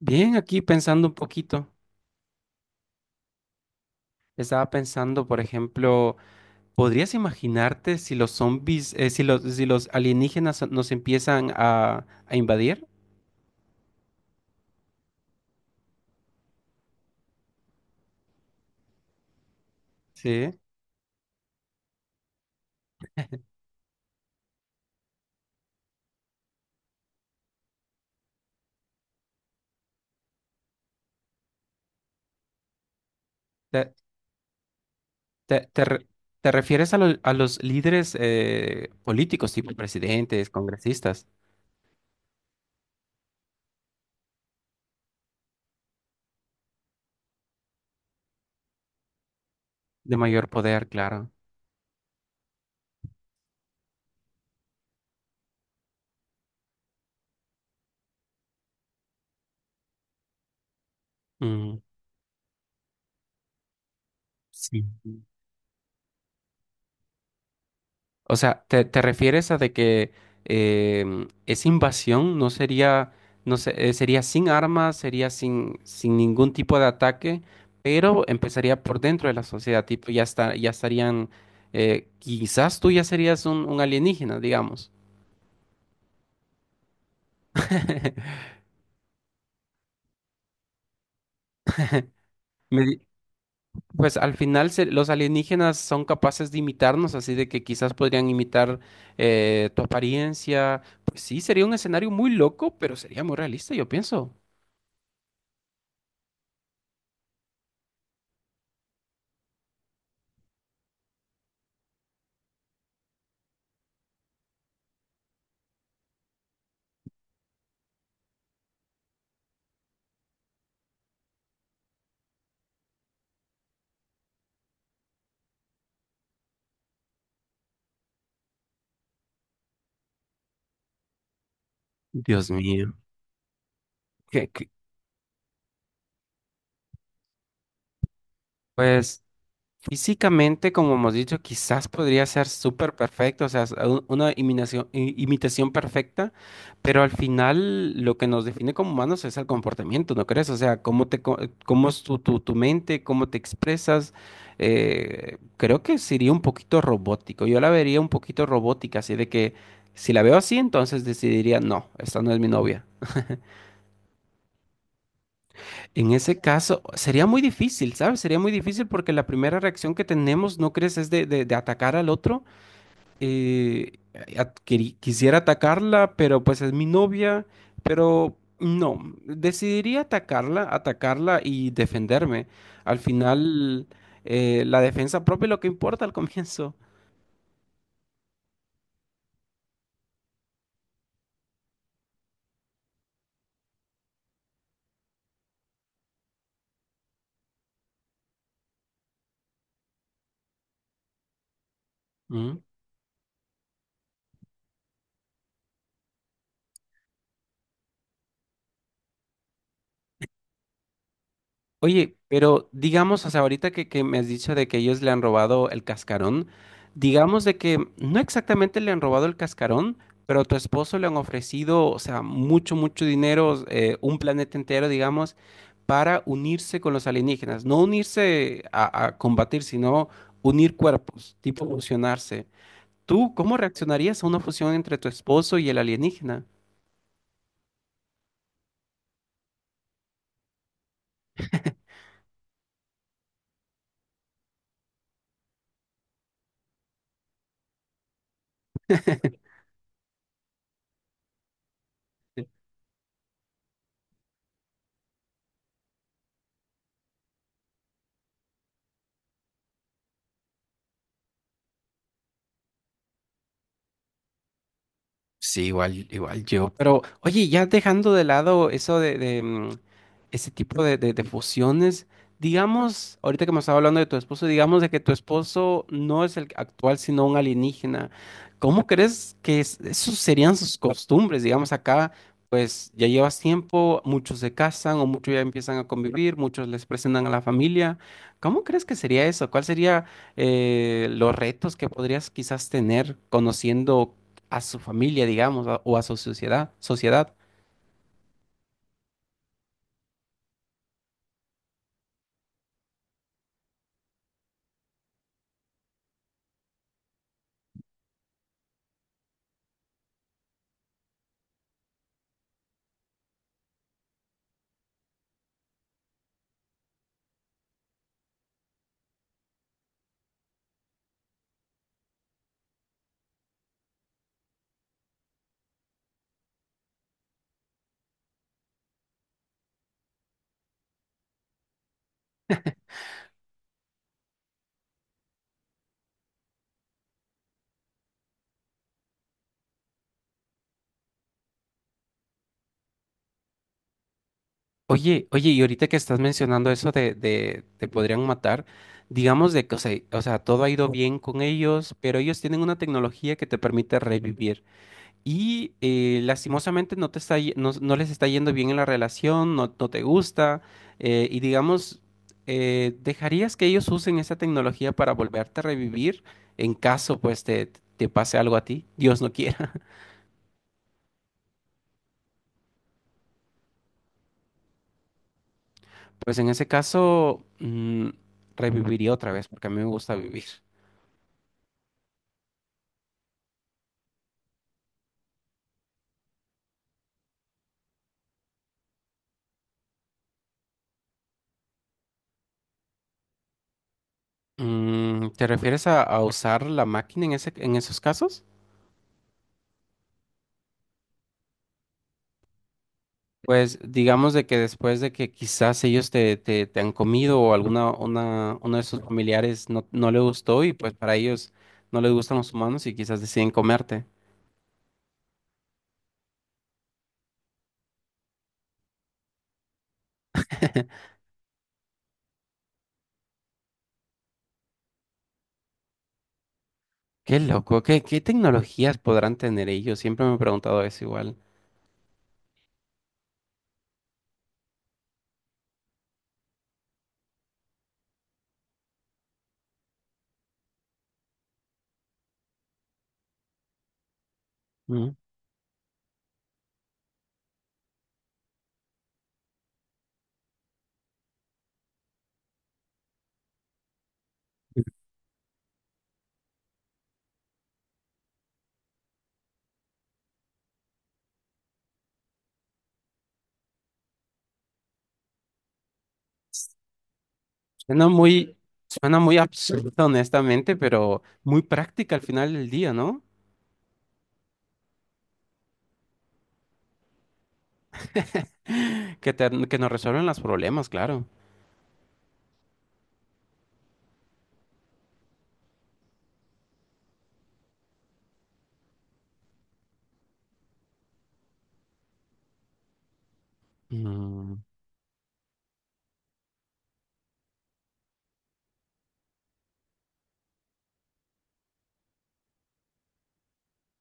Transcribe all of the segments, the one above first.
Bien, aquí pensando un poquito, estaba pensando, por ejemplo, ¿podrías imaginarte si los zombies, si los, si los alienígenas nos empiezan a invadir? Sí. ¿Te, te- te re- ¿Te refieres a, a los líderes políticos, tipo presidentes, congresistas, de mayor poder, claro? Mm, sí. O sea, ¿te refieres a de que esa invasión no sería, no sé, sería sin armas, sería sin, sin ningún tipo de ataque, pero empezaría por dentro de la sociedad, tipo, ya está, ya estarían, quizás tú ya serías un alienígena, digamos. Me di- Pues al final los alienígenas son capaces de imitarnos, así de que quizás podrían imitar tu apariencia. Pues sí, sería un escenario muy loco, pero sería muy realista, yo pienso. Dios mío. que- que, pues físicamente, como hemos dicho, quizás podría ser súper perfecto, o sea, una imitación, imitación perfecta, pero al final lo que nos define como humanos es el comportamiento, ¿no crees? O sea, cómo es tu mente, cómo te expresas. Creo que sería un poquito robótico. Yo la vería un poquito robótica, así de que si la veo así, entonces decidiría, no, esta no es mi novia. En ese caso, sería muy difícil, ¿sabes? Sería muy difícil porque la primera reacción que tenemos, ¿no crees? Es de, de atacar al otro. Eh, Quisiera atacarla, pero pues es mi novia, pero no, decidiría atacarla, atacarla y defenderme. Al final, la defensa propia es lo que importa al comienzo. Oye, pero digamos, hasta ahorita que me has dicho de que ellos le han robado el cascarón, digamos de que no exactamente le han robado el cascarón, pero a tu esposo le han ofrecido, o sea, mucho, mucho dinero, un planeta entero, digamos, para unirse con los alienígenas. No unirse a combatir, sino unir cuerpos, tipo fusionarse. ¿Tú cómo reaccionarías a una fusión entre tu esposo y el alienígena? Sí, igual, igual yo. Pero, oye, ya dejando de lado eso de, ese tipo de, de fusiones, digamos, ahorita que me estaba hablando de tu esposo, digamos de que tu esposo no es el actual, sino un alienígena. ¿Cómo crees que esos serían sus costumbres? Digamos, acá, pues ya llevas tiempo, muchos se casan o muchos ya empiezan a convivir, muchos les presentan a la familia. ¿Cómo crees que sería eso? ¿Cuál sería los retos que podrías quizás tener conociendo a su familia, digamos, o a su sociedad, sociedad? Oye, oye, y ahorita que estás mencionando eso de te podrían matar, digamos de que, o sea, todo ha ido bien con ellos, pero ellos tienen una tecnología que te permite revivir. Y lastimosamente no te está, no, no les está yendo bien en la relación, no, no te gusta, y digamos, ¿dejarías que ellos usen esa tecnología para volverte a revivir en caso, pues, te pase algo a ti? Dios no quiera. Pues en ese caso, reviviría otra vez, porque a mí me gusta vivir. Mm, ¿te refieres a usar la máquina en ese, en esos casos? Pues digamos de que después de que quizás ellos te, te, te han comido o alguna una, uno de sus familiares no, no le gustó y pues para ellos no les gustan los humanos y quizás deciden comerte. Qué loco, ¿qué, qué tecnologías podrán tener ellos? Siempre me he preguntado eso igual. Mm. Suena muy, Suena muy absurdo, honestamente, pero muy práctica al final del día, ¿no? Que nos resuelven los problemas, claro. Mm.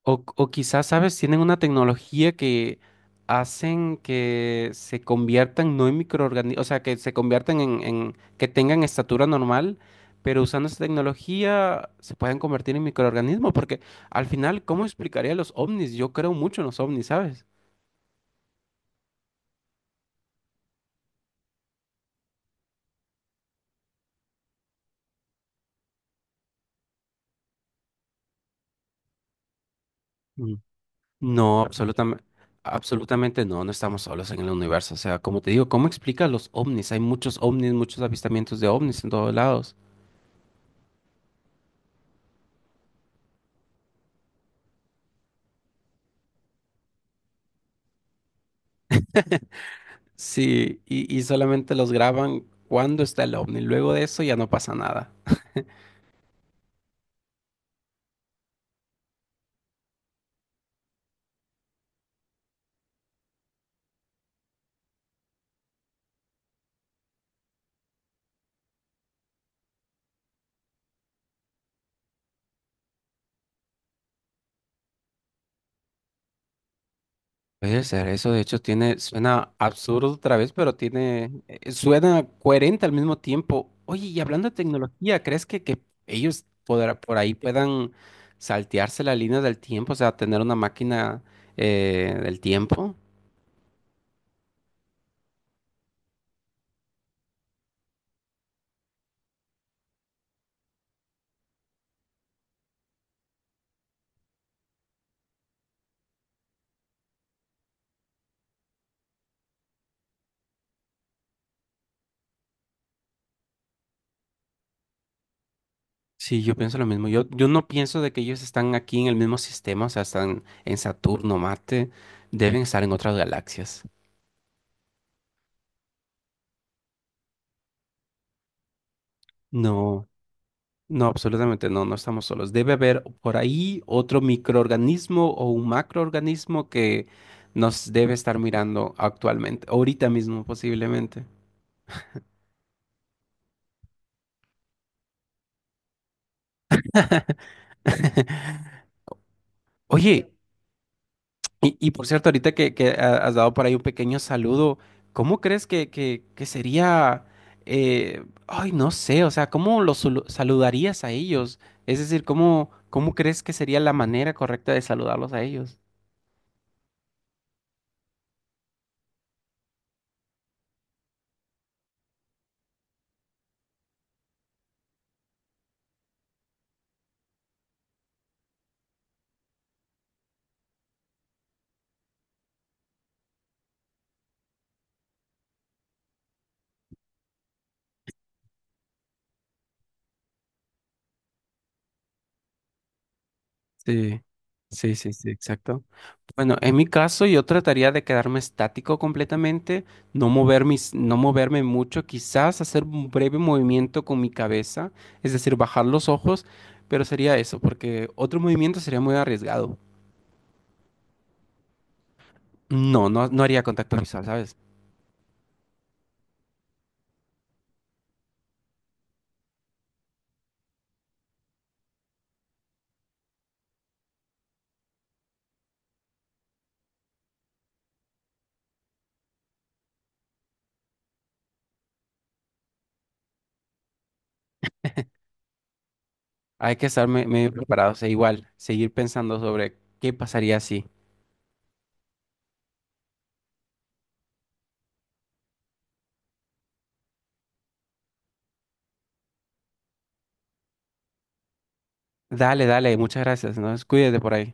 O quizás, ¿sabes? Tienen una tecnología que hacen que se conviertan no en microorganismos, o sea, que se conviertan en, que tengan estatura normal, pero usando esa tecnología se pueden convertir en microorganismos, porque al final, ¿cómo explicaría los ovnis? Yo creo mucho en los ovnis, ¿sabes? No, absolutamente, absolutamente no, no estamos solos en el universo. O sea, como te digo, ¿cómo explica los ovnis? Hay muchos ovnis, muchos avistamientos de ovnis en todos lados. Sí, y solamente los graban cuando está el ovni. Luego de eso ya no pasa nada. Puede ser, eso de hecho tiene, suena absurdo otra vez, pero tiene, suena coherente al mismo tiempo. Oye, y hablando de tecnología, ¿crees que ellos por ahí puedan saltearse la línea del tiempo? O sea, tener una máquina del tiempo. Sí, yo pienso lo mismo. Yo no pienso de que ellos están aquí en el mismo sistema, o sea, están en Saturno, Marte, deben estar en otras galaxias. No, no, absolutamente no, no estamos solos. Debe haber por ahí otro microorganismo o un macroorganismo que nos debe estar mirando actualmente, ahorita mismo posiblemente. Oye, y por cierto, ahorita que has dado por ahí un pequeño saludo, ¿cómo crees que sería, ay, no sé, o sea, ¿cómo los saludarías a ellos? Es decir, ¿cómo, cómo crees que sería la manera correcta de saludarlos a ellos? Sí, sí, sí, sí, exacto. Bueno, en mi caso yo trataría de quedarme estático completamente, no mover mis, no moverme mucho, quizás hacer un breve movimiento con mi cabeza, es decir, bajar los ojos, pero sería eso, porque otro movimiento sería muy arriesgado. No, no, no haría contacto visual, ¿sabes? Hay que estar medio preparado, o sea, igual, seguir pensando sobre qué pasaría si. Dale, dale, muchas gracias, ¿no? Cuídate por ahí.